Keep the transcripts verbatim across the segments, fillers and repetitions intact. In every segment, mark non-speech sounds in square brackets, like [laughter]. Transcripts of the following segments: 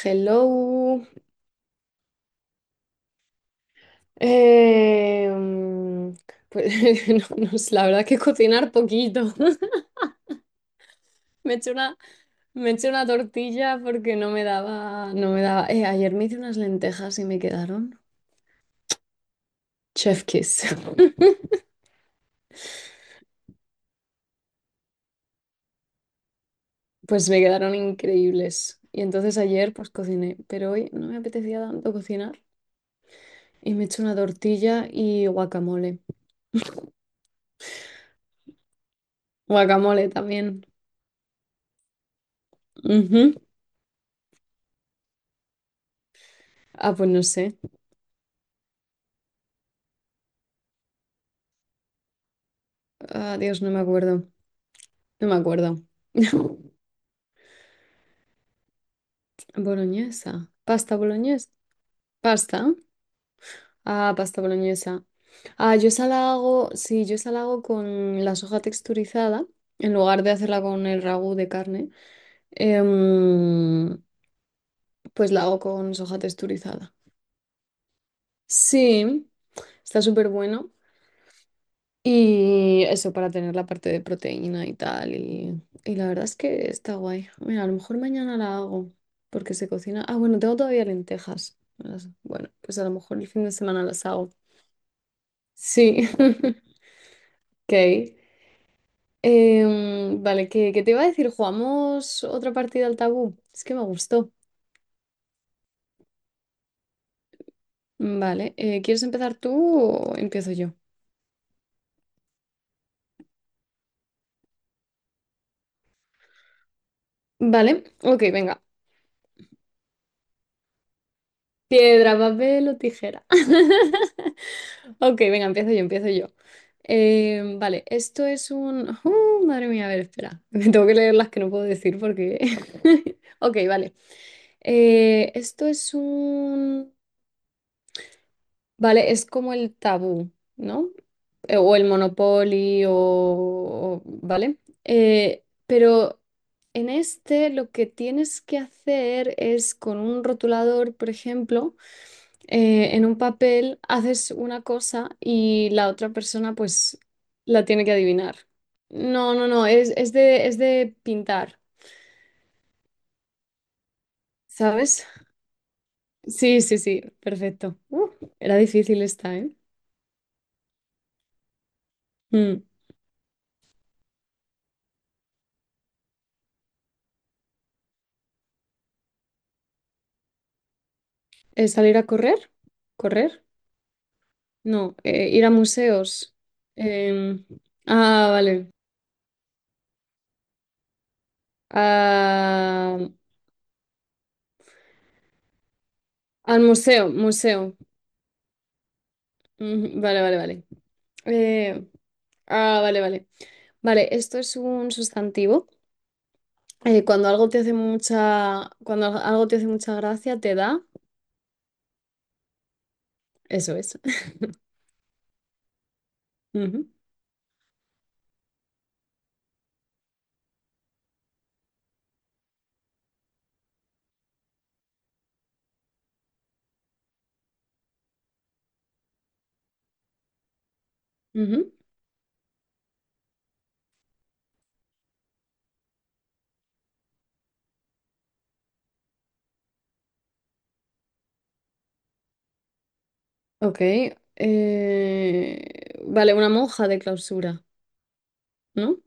Hello. Eh, mm, pues [laughs] no, no sé, la verdad que cocinar poquito. [laughs] Me eché una, me eché una tortilla porque no me daba, no me daba. Eh, ayer me hice unas lentejas y me quedaron chef kiss. [laughs] Pues me quedaron increíbles. Y entonces ayer pues cociné, pero hoy no me apetecía tanto cocinar y me eché una tortilla y guacamole. Guacamole también. Ujú. Ah, pues no sé. Ah, Dios, no me acuerdo. No me acuerdo. [laughs] Boloñesa. Pasta boloñesa. Pasta. Ah, pasta boloñesa. Ah, yo esa la hago, sí, yo esa la hago con la soja texturizada, en lugar de hacerla con el ragú de carne, em, pues la hago con soja texturizada. Sí, está súper bueno. Y eso para tener la parte de proteína y tal. Y, y la verdad es que está guay. Mira, a lo mejor mañana la hago, porque se cocina. Ah, bueno, tengo todavía lentejas. Las- Bueno, pues a lo mejor el fin de semana las hago. Sí, [laughs] ok. Em, vale, ¿qué, qué te iba a decir? ¿Jugamos otra partida al tabú? Es que me gustó. Vale, eh, ¿quieres empezar tú o empiezo yo? Vale, ok, venga. Piedra, papel o tijera. [laughs] Ok, venga, empiezo yo, empiezo yo. Em, vale, esto es un... Uh, madre mía, a ver, espera. [laughs] Me tengo que leer las que no puedo decir porque... [laughs] Ok, vale. Eh, esto es un... Vale, es como el tabú, ¿no? Eh, ¿o el Monopoly, o, o- vale? Eh, pero en este lo que tienes que hacer es con un rotulador, por ejemplo, eh, en un papel haces una cosa y la otra persona pues la tiene que adivinar. No, no, no, es, es de, es de pintar, ¿sabes? Sí, sí, sí, perfecto. Uh, era difícil esta, ¿eh? Mm. ¿Es salir a correr? ¿Correr? No, eh, ir a museos. Em, ah, vale. Ah, al museo, museo. Ujú, vale, vale, vale. Eh, ah, vale, vale. Vale, esto es un sustantivo. Eh, cuando algo te hace mucha, cuando al- algo te hace mucha gracia, te da. Eso es. [laughs] Ujú, ujú. Ok. Eh, vale, una monja de clausura, ¿no?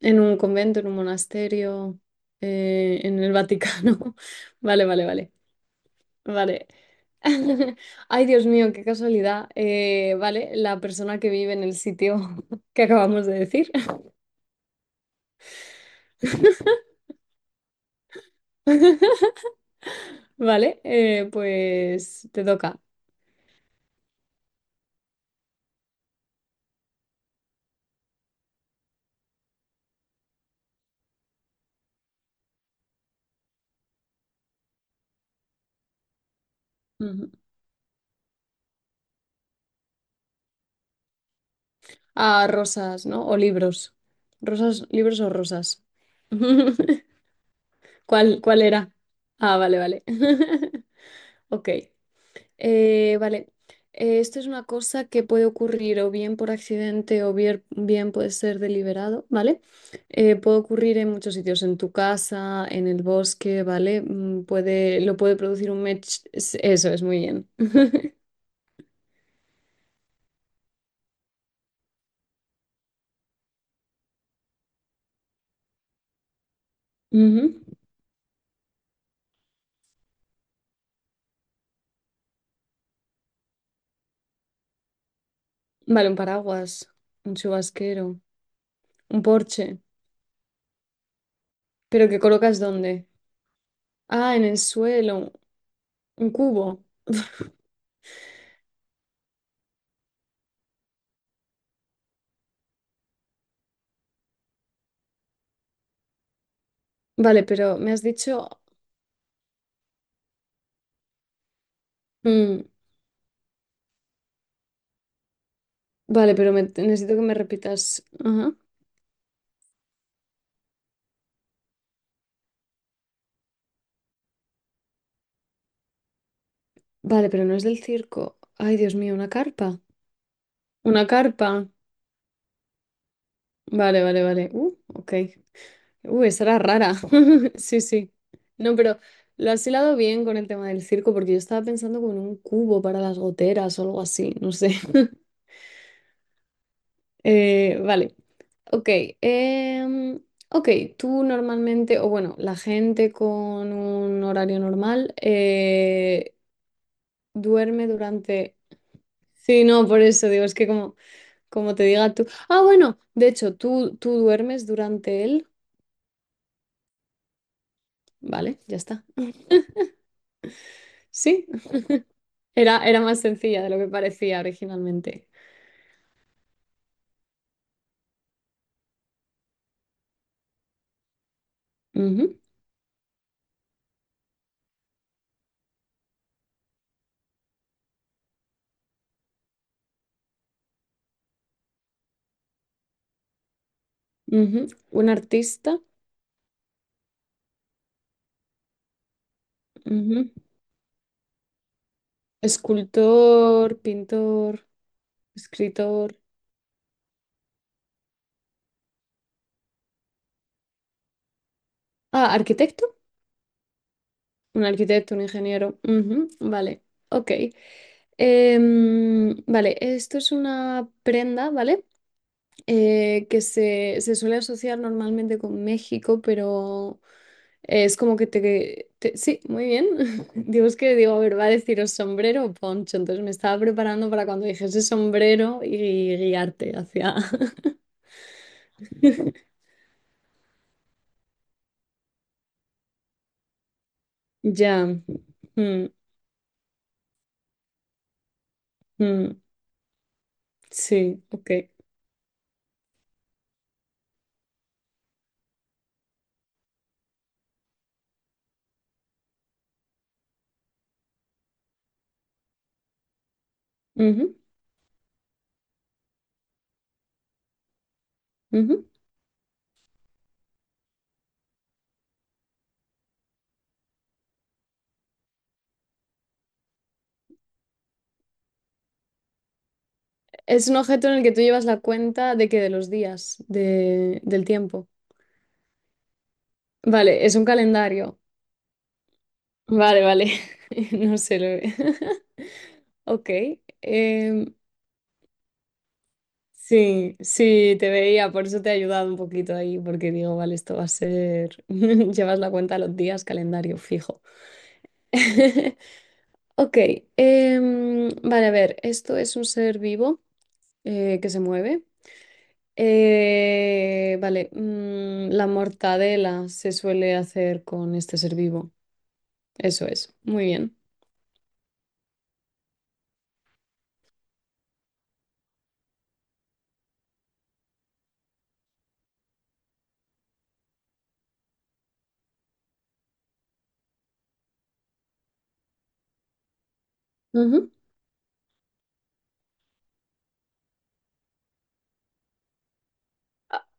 En un convento, en un monasterio, eh, en el Vaticano. [laughs] Vale, vale, vale. Vale. [laughs] Ay, Dios mío, qué casualidad. Eh, vale, la persona que vive en el sitio [laughs] que acabamos de decir. [laughs] Vale, eh, pues te toca. Ujú. Ah, rosas, ¿no? O libros. Rosas, libros o rosas. [laughs] ¿Cuál, cuál era? Ah, vale, vale. [laughs] Ok. Eh, vale, Eh, esto es una cosa que puede ocurrir o bien por accidente o bien, bien puede ser deliberado, ¿vale? Eh, puede ocurrir en muchos sitios, en tu casa, en el bosque, ¿vale? Mm, Puede, lo puede producir un mech, es- eso es muy bien. [laughs] Ujú. Vale, un paraguas, un chubasquero, un porche, ¿pero que colocas dónde? Ah, en el suelo, un cubo. [laughs] Vale, pero me has dicho... mm, Vale, pero me- necesito que me repitas. Ajá. Vale, pero no es del circo. Ay, Dios mío, una carpa. Una carpa. Vale, vale, vale. Uh, ok. Uh, esa era rara. [laughs] Sí, sí. No, pero lo has hilado bien con el tema del circo porque yo estaba pensando como en un cubo para las goteras o algo así, no sé. [laughs] Eh, vale. Ok. em, ok, tú normalmente, o bueno, la gente con un horario normal eh, duerme durante Sí, no, por eso digo, es que como, como te diga tú. Ah, bueno, de hecho, tú, tú duermes durante él. Vale, ya está. Sí, era, era más sencilla de lo que parecía originalmente. Ujú, ujú. Un artista, ujú. Escultor, pintor, escritor. Ah, arquitecto. Un arquitecto, un ingeniero. Ujú, vale, ok. Em, vale, esto es una prenda, ¿vale? Eh, que se, se suele asociar normalmente con México, pero es como que te... te- sí, muy bien. [laughs] Digo, es que digo, a ver, ¿va a deciros sombrero o poncho? Entonces me estaba preparando para cuando dijese sombrero y guiarte hacia... [laughs] Ya. Mm, mm, sí, ok. Ujú, ujú. Es un objeto en el que tú llevas la cuenta de que de los días, de, del tiempo. Vale, es un calendario. Vale, vale. [laughs] No sé lo he- Ok, em, sí, sí, te veía, por eso te he ayudado un poquito ahí, porque digo, vale, esto va a ser, [laughs] llevas la cuenta a los días, calendario fijo. [laughs] Ok, em, vale, a ver, esto es un ser vivo eh, que se mueve. Eh, vale, mm, la mortadela se suele hacer con este ser vivo, eso es, muy bien. Ujú.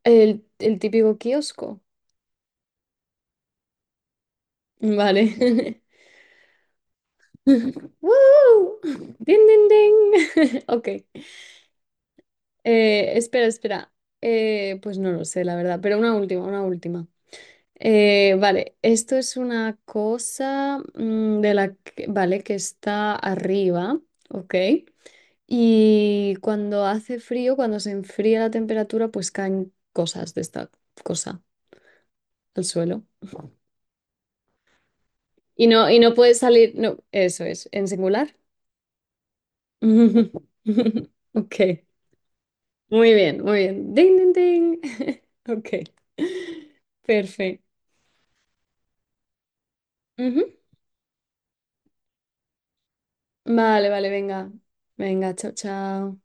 El, el típico kiosco, vale. [laughs] [laughs] ¡Woo! ¡Ding, ding, ding! [laughs] Ok. Eh, espera, espera. Eh, pues no lo sé, la verdad, pero una última, una última. Eh, vale, esto es una cosa mm, de la que, vale, que está arriba, ok. Y cuando hace frío, cuando se enfría la temperatura, pues caen cosas de esta cosa al suelo. Y no, y no puede salir, no, eso es, en singular. [laughs] Ok. Muy bien, muy bien. Ding, ding, ding. [laughs] Ok. Perfecto. Ujú. Vale, vale, venga. Venga, chao, chao.